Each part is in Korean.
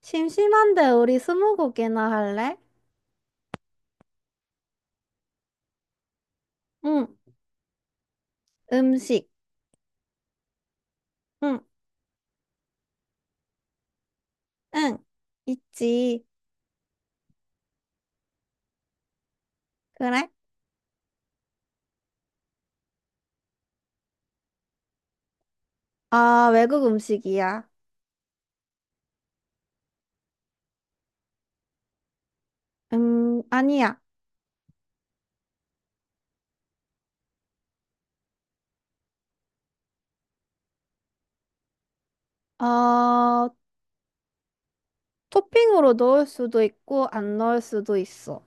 심심한데 우리 스무고개나 할래? 응, 음식. 응, 응, 있지. 그래? 아, 외국 음식이야. 아니야. 어, 토핑으로 넣을 수도 있고, 안 넣을 수도 있어.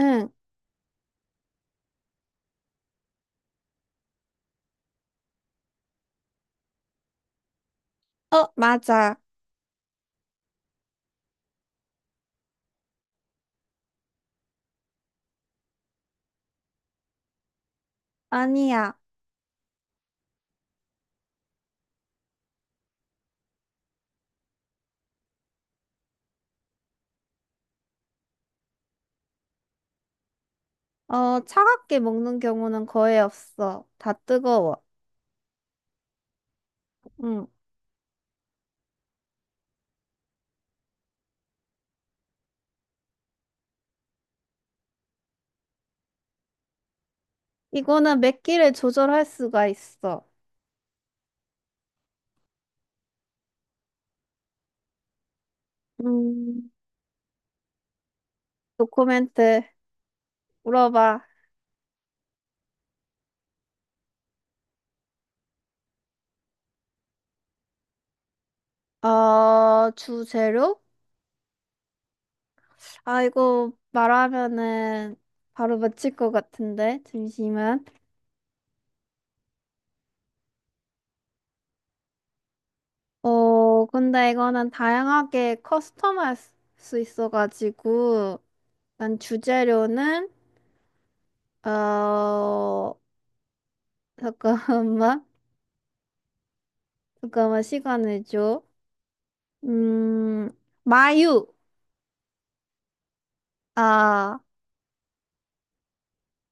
응, 어, 맞아. 아니야. 어, 차갑게 먹는 경우는 거의 없어. 다 뜨거워. 응. 이거는 맵기를 조절할 수가 있어. 음, 도코멘트 물어봐. 어, 주재료? 아, 이거 말하면은 바로 맞힐 것 같은데, 잠시만. 어, 근데 이거는 다양하게 커스텀할 수수 있어가지고, 난 주재료는, 어, 잠깐만, 잠깐만, 시간을 줘. 음, 마유. 아,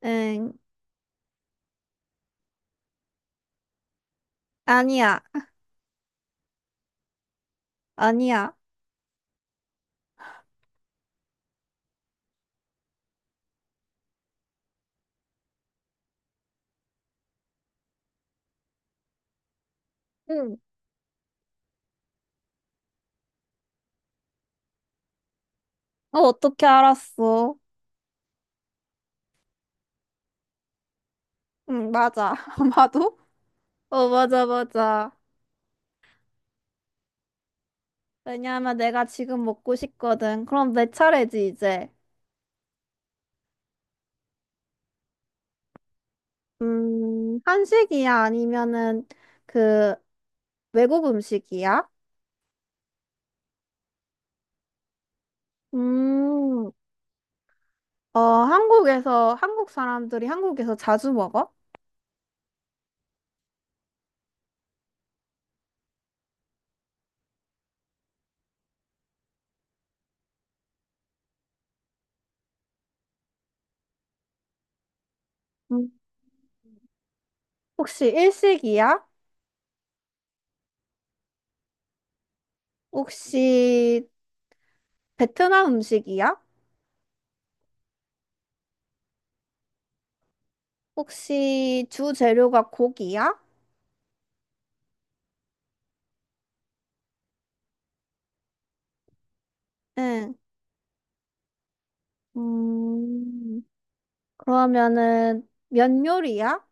응, 아니야, 아니야. 응. 어, 어떻게 알았어? 응, 맞아. 아마도? 어, 맞아, 맞아. 왜냐하면 내가 지금 먹고 싶거든. 그럼 내 차례지, 이제. 한식이야? 아니면은 그 외국 음식이야? 음, 어, 한국에서, 한국 사람들이 한국에서 자주 먹어? 음. 혹시 일식이야? 혹시 베트남 음식이야? 혹시 주 재료가 고기야? 응. 음, 그러면은 면 요리야?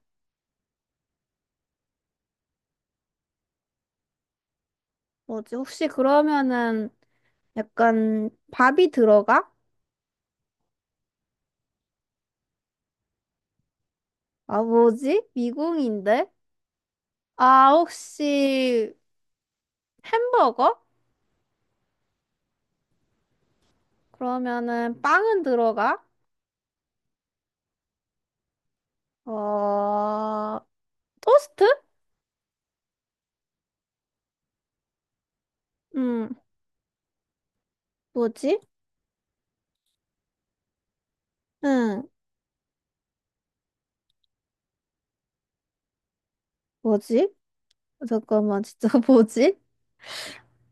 뭐지? 혹시 그러면은 약간 밥이 들어가? 아, 뭐지? 미궁인데? 아, 혹시 햄버거? 그러면은 빵은 들어가? 어, 토스트? 음, 뭐지? 응, 뭐지? 잠깐만, 진짜 뭐지?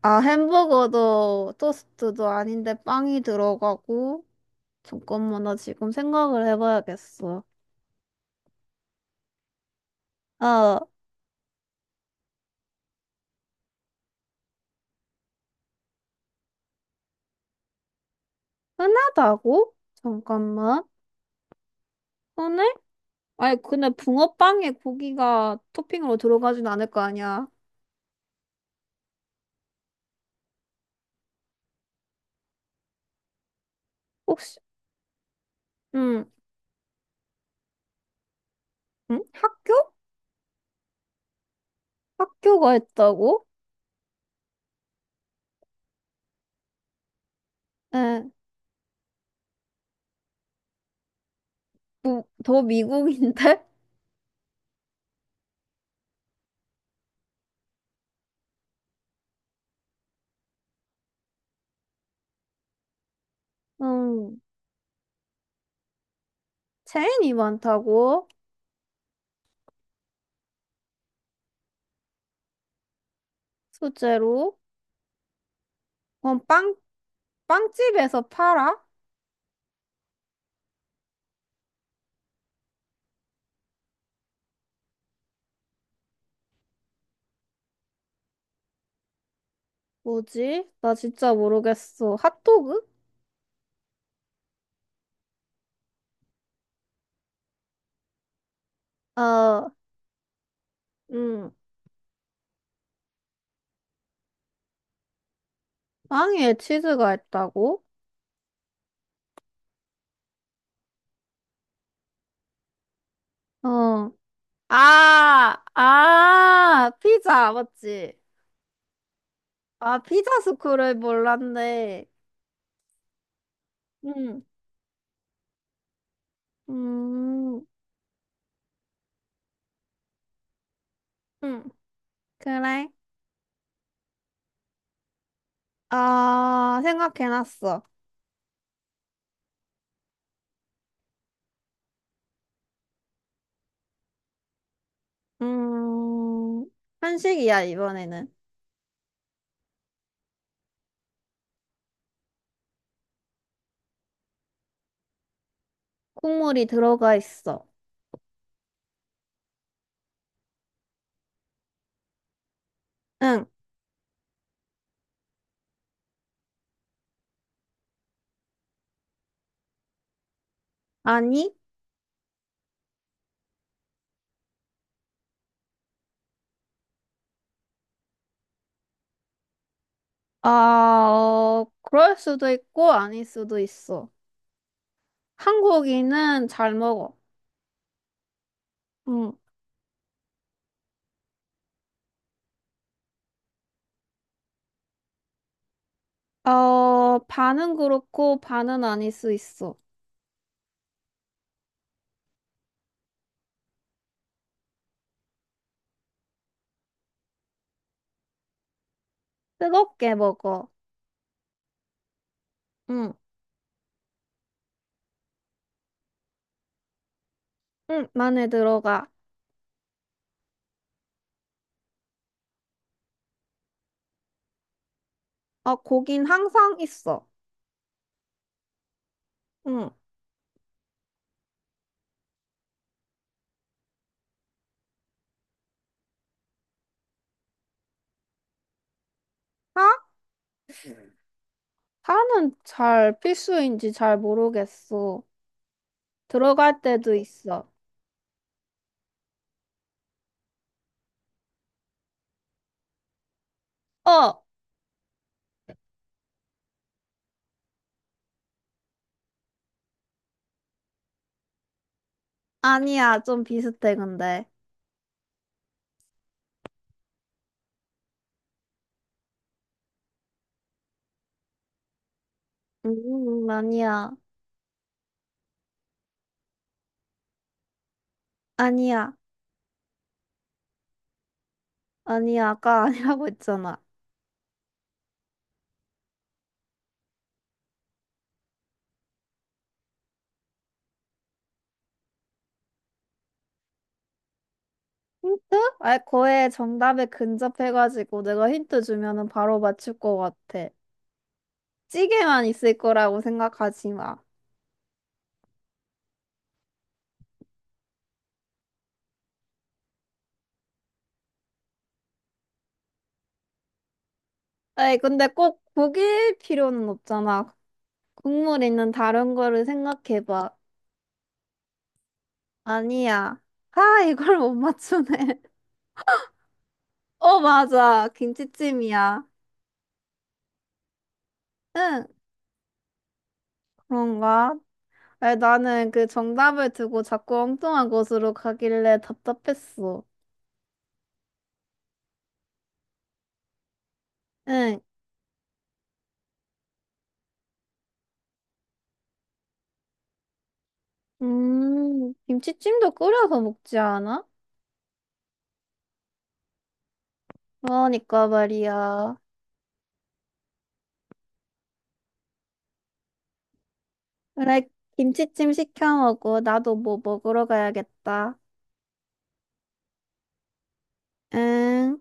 아, 햄버거도 토스트도 아닌데 빵이 들어가고. 잠깐만, 나 지금 생각을 해봐야겠어. 아, 흔하다고? 잠깐만. 흔해? 아니, 근데 붕어빵에 고기가 토핑으로 들어가진 않을 거 아니야. 혹시, 음, 음? 학교? 학교가 했다고? 에, 뭐, 더 미국인데? 음, 체인이 많다고? 소재로? 그럼 빵, 빵집에서 팔아? 뭐지? 나 진짜 모르겠어. 핫도그? 어, 음, 빵에 치즈가 있다고? 어, 아, 아, 피자, 맞지? 아, 피자 스쿨을 몰랐네. 응, 음, 음, 그래. 아, 생각해놨어. 음, 한식이야, 이번에는. 국물이 들어가 있어. 응, 아니? 아, 어, 그럴 수도 있고, 아닐 수도 있어. 한국인은 잘 먹어. 응. 어, 반은 그렇고, 반은 아닐 수 있어. 뜨겁게 먹어. 응, 응, 만에 들어가. 어, 고긴 항상 있어. 응. 아? 다는 잘 필수인지 잘 모르겠어. 들어갈 때도 있어. 어, 아니야. 좀 비슷해, 근데. 아니야. 아니야. 아니야. 아까 아니라고 했잖아. 힌트? 아, 거의 정답에 근접해가지고 내가 힌트 주면은 바로 맞출 것 같아. 찌개만 있을 거라고 생각하지 마. 에이, 근데 꼭 고기일 필요는 없잖아. 국물 있는 다른 거를 생각해봐. 아니야. 아, 이걸 못 맞추네. 어, 맞아. 김치찜이야. 응, 그런가? 아니, 나는 그 정답을 두고 자꾸 엉뚱한 곳으로 가길래 답답했어. 응. 김치찜도 끓여서 먹지 않아? 그러니까 말이야. 그래, 김치찜 시켜 먹어. 나도 뭐 먹으러 가야겠다. 응.